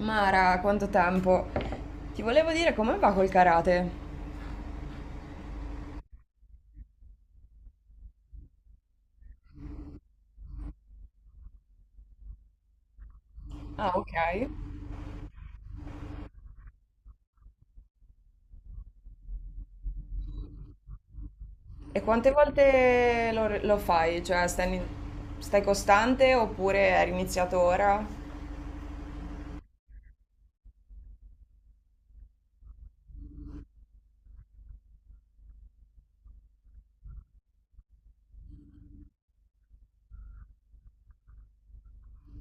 Mara, quanto tempo. Ti volevo dire come va col karate. Ah, ok. E quante volte lo fai? Cioè, stai, stai costante oppure hai iniziato ora?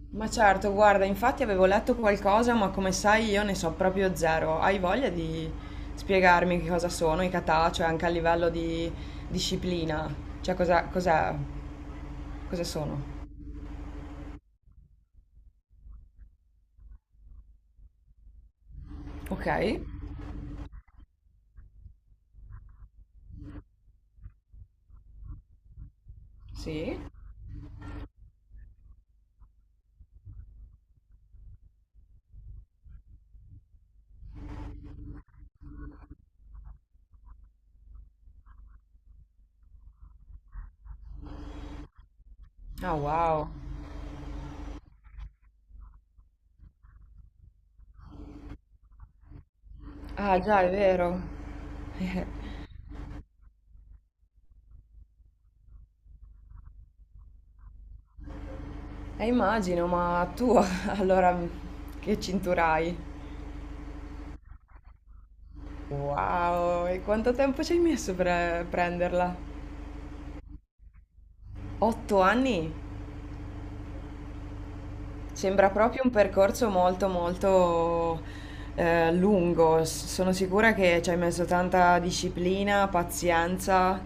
Ma certo, guarda, infatti avevo letto qualcosa, ma come sai io ne so proprio zero. Hai voglia di spiegarmi che cosa sono i kata, cioè anche a livello di disciplina? Cioè, cos'è? Cosa sono? Ok, sì. Ah, wow. Ah, già, è vero. Immagino, ma tu allora che cintura hai? Wow, e quanto tempo ci hai messo per prenderla? 8 anni? Sembra proprio un percorso molto molto lungo. Sono sicura che ci hai messo tanta disciplina, pazienza.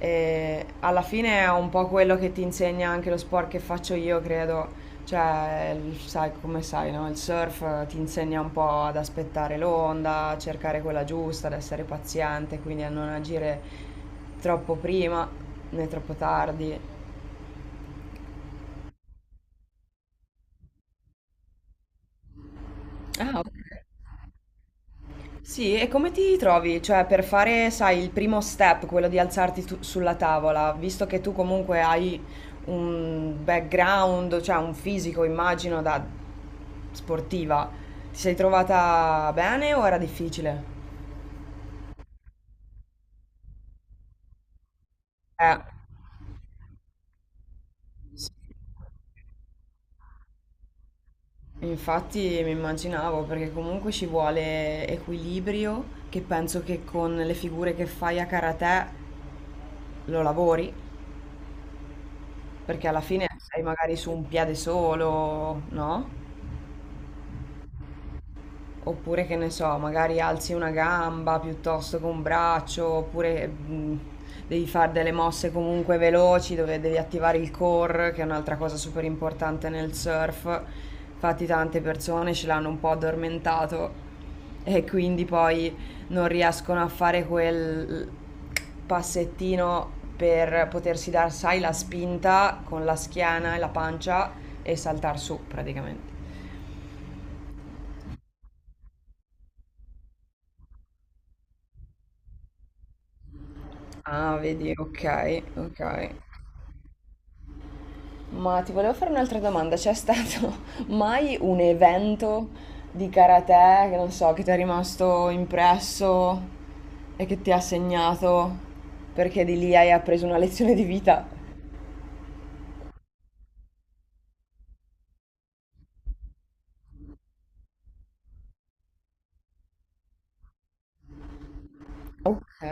E alla fine è un po' quello che ti insegna anche lo sport che faccio io, credo. Cioè, sai come sai, no? Il surf ti insegna un po' ad aspettare l'onda, a cercare quella giusta, ad essere paziente, quindi a non agire troppo prima né troppo tardi. Ah, ok. Sì, e come ti trovi? Cioè, per fare, sai, il primo step, quello di alzarti sulla tavola, visto che tu comunque hai un background, cioè un fisico, immagino, da sportiva, ti sei trovata bene o era difficile? Eh, sì. Infatti mi immaginavo, perché comunque ci vuole equilibrio, che penso che con le figure che fai a karate lo lavori, perché alla fine sei magari su un piede solo, no? Oppure che ne so, magari alzi una gamba piuttosto che un braccio, oppure devi fare delle mosse comunque veloci dove devi attivare il core, che è un'altra cosa super importante nel surf. Infatti tante persone ce l'hanno un po' addormentato e quindi poi non riescono a fare quel passettino per potersi dar, sai, la spinta con la schiena e la pancia e saltar su praticamente. Ah, vedi, ok, ok. Ma ti volevo fare un'altra domanda. C'è stato mai un evento di karate che non so, che ti è rimasto impresso e che ti ha segnato perché di lì hai appreso una lezione di vita? Ok.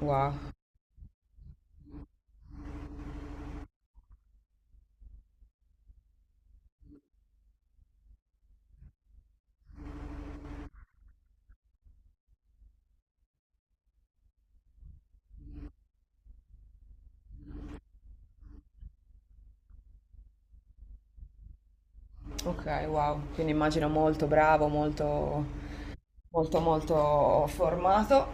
Wow. Ok, wow. Quindi immagino molto bravo, molto, molto, molto formato.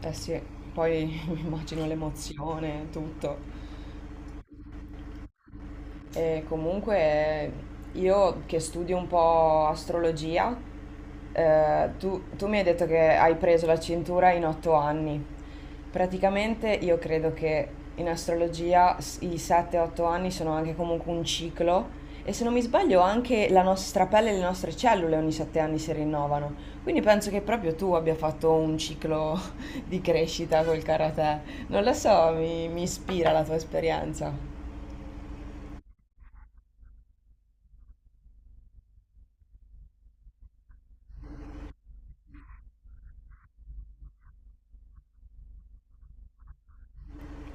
Eh sì, poi mi immagino l'emozione, tutto. E comunque io che studio un po' astrologia. Tu mi hai detto che hai preso la cintura in 8 anni. Praticamente io credo che in astrologia i 7-8 anni sono anche comunque un ciclo e se non mi sbaglio anche la nostra pelle e le nostre cellule ogni 7 anni si rinnovano. Quindi penso che proprio tu abbia fatto un ciclo di crescita col karate. Non lo so, mi ispira la tua esperienza.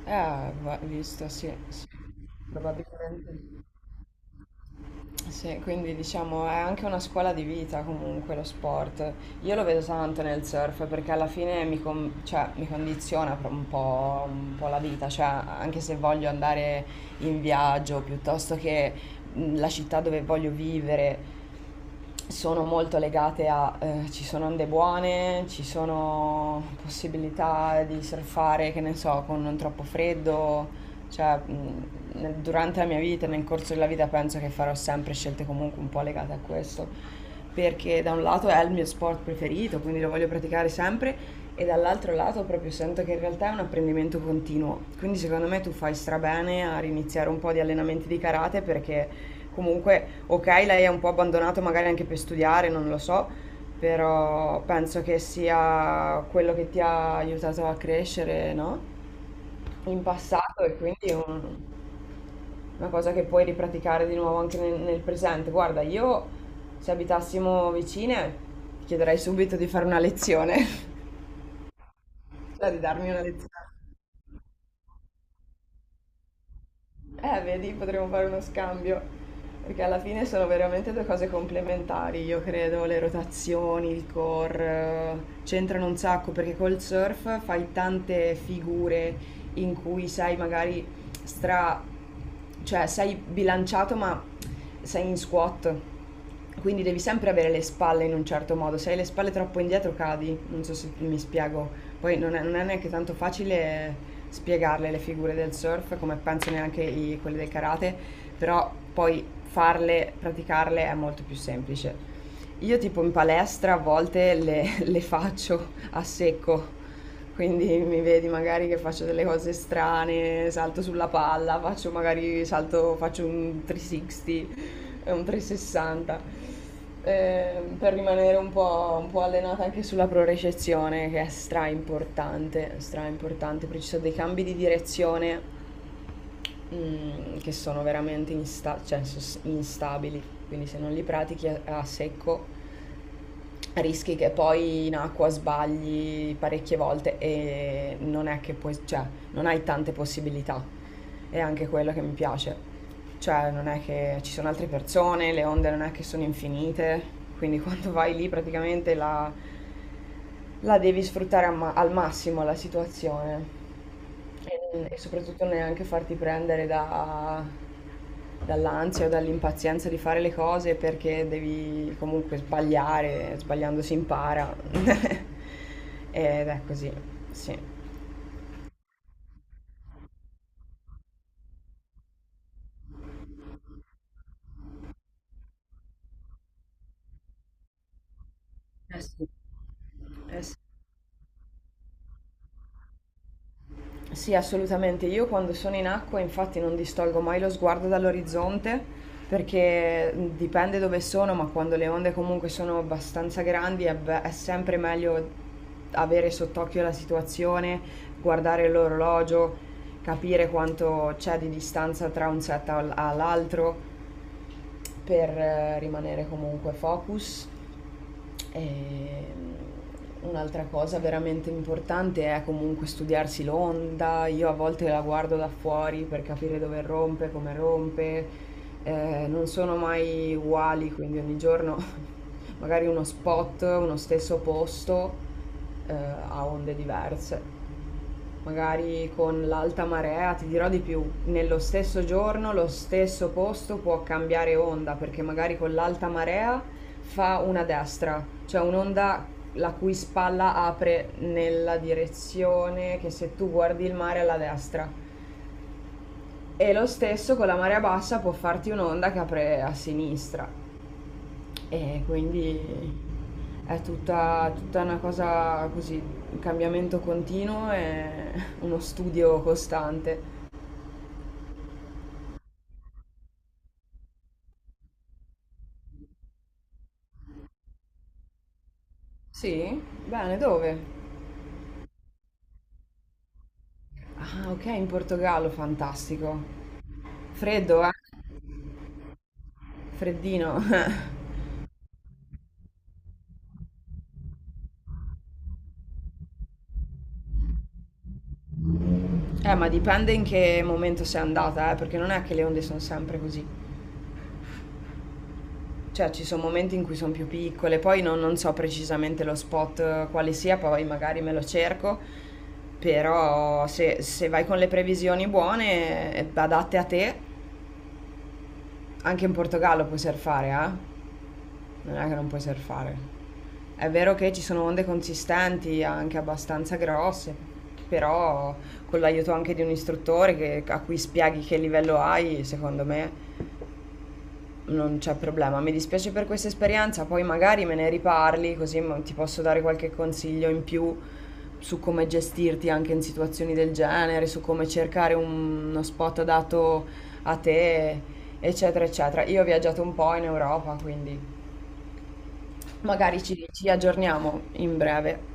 Ah, visto, sì, sì. Probabilmente. Sì, quindi diciamo è anche una scuola di vita comunque lo sport. Io lo vedo tanto nel surf perché alla fine cioè, mi condiziona un po' la vita, cioè anche se voglio andare in viaggio piuttosto che la città dove voglio vivere, sono molto legate a ci sono onde buone, ci sono possibilità di surfare, che ne so, con non troppo freddo, cioè durante la mia vita, nel corso della vita penso che farò sempre scelte comunque un po' legate a questo, perché da un lato è il mio sport preferito, quindi lo voglio praticare sempre e dall'altro lato proprio sento che in realtà è un apprendimento continuo, quindi secondo me tu fai strabene a riniziare un po' di allenamenti di karate perché comunque, ok, lei è un po' abbandonato magari anche per studiare, non lo so, però penso che sia quello che ti ha aiutato a crescere, no? In passato e quindi è una cosa che puoi ripraticare di nuovo anche nel presente. Guarda, io se abitassimo vicine, ti chiederei subito di fare una lezione, cioè di darmi una lezione. Vedi, potremmo fare uno scambio, perché alla fine sono veramente due cose complementari, io credo, le rotazioni, il core, c'entrano un sacco, perché col surf fai tante figure in cui sei magari stra... cioè sei bilanciato ma sei in squat. Quindi devi sempre avere le spalle in un certo modo, se hai le spalle troppo indietro cadi, non so se mi spiego. Poi non è neanche tanto facile spiegarle le figure del surf, come penso neanche quelle del karate, però poi farle, praticarle è molto più semplice. Io tipo in palestra a volte le faccio a secco, quindi mi vedi magari che faccio delle cose strane, salto sulla palla, faccio magari salto, faccio un 360, eh, un 360, per rimanere un po' allenata anche sulla propriocezione, che è stra importante, perché ci sono dei cambi di direzione, che sono veramente cioè, instabili, quindi se non li pratichi a secco rischi che poi in acqua sbagli parecchie volte e non è che puoi, cioè, non hai tante possibilità. È anche quello che mi piace. Cioè, non è che ci sono altre persone, le onde non è che sono infinite, quindi quando vai lì praticamente la devi sfruttare al al massimo la situazione e soprattutto neanche farti prendere da dall'ansia o dall'impazienza di fare le cose perché devi comunque sbagliare, sbagliando si impara. Ed è così, sì. Eh sì, eh sì. Sì, assolutamente. Io quando sono in acqua, infatti, non distolgo mai lo sguardo dall'orizzonte perché dipende dove sono, ma quando le onde comunque sono abbastanza grandi è sempre meglio avere sott'occhio la situazione, guardare l'orologio, capire quanto c'è di distanza tra un set all'altro per rimanere comunque focus. E un'altra cosa veramente importante è comunque studiarsi l'onda. Io a volte la guardo da fuori per capire dove rompe, come rompe. Non sono mai uguali, quindi ogni giorno magari uno spot, uno stesso posto ha onde diverse. Magari con l'alta marea, ti dirò di più, nello stesso giorno lo stesso posto può cambiare onda, perché magari con l'alta marea fa una destra, cioè un'onda la cui spalla apre nella direzione che se tu guardi il mare è alla destra. E lo stesso con la marea bassa può farti un'onda che apre a sinistra. E quindi è tutta una cosa così, un cambiamento continuo e uno studio costante. Sì? Bene, dove? Ah, ok, in Portogallo, fantastico. Freddo, eh? Freddino. Ma dipende in che momento sei andata, perché non è che le onde sono sempre così. Cioè, ci sono momenti in cui sono più piccole, poi non so precisamente lo spot quale sia, poi magari me lo cerco, però se vai con le previsioni buone, adatte a te, anche in Portogallo puoi surfare, eh? Non è che non puoi surfare. È vero che ci sono onde consistanti, anche abbastanza grosse, però con l'aiuto anche di un istruttore a cui spieghi che livello hai, secondo me non c'è problema. Mi dispiace per questa esperienza, poi magari me ne riparli, così ti posso dare qualche consiglio in più su come gestirti anche in situazioni del genere, su come cercare uno spot adatto a te, eccetera, eccetera. Io ho viaggiato un po' in Europa, quindi magari ci aggiorniamo in breve.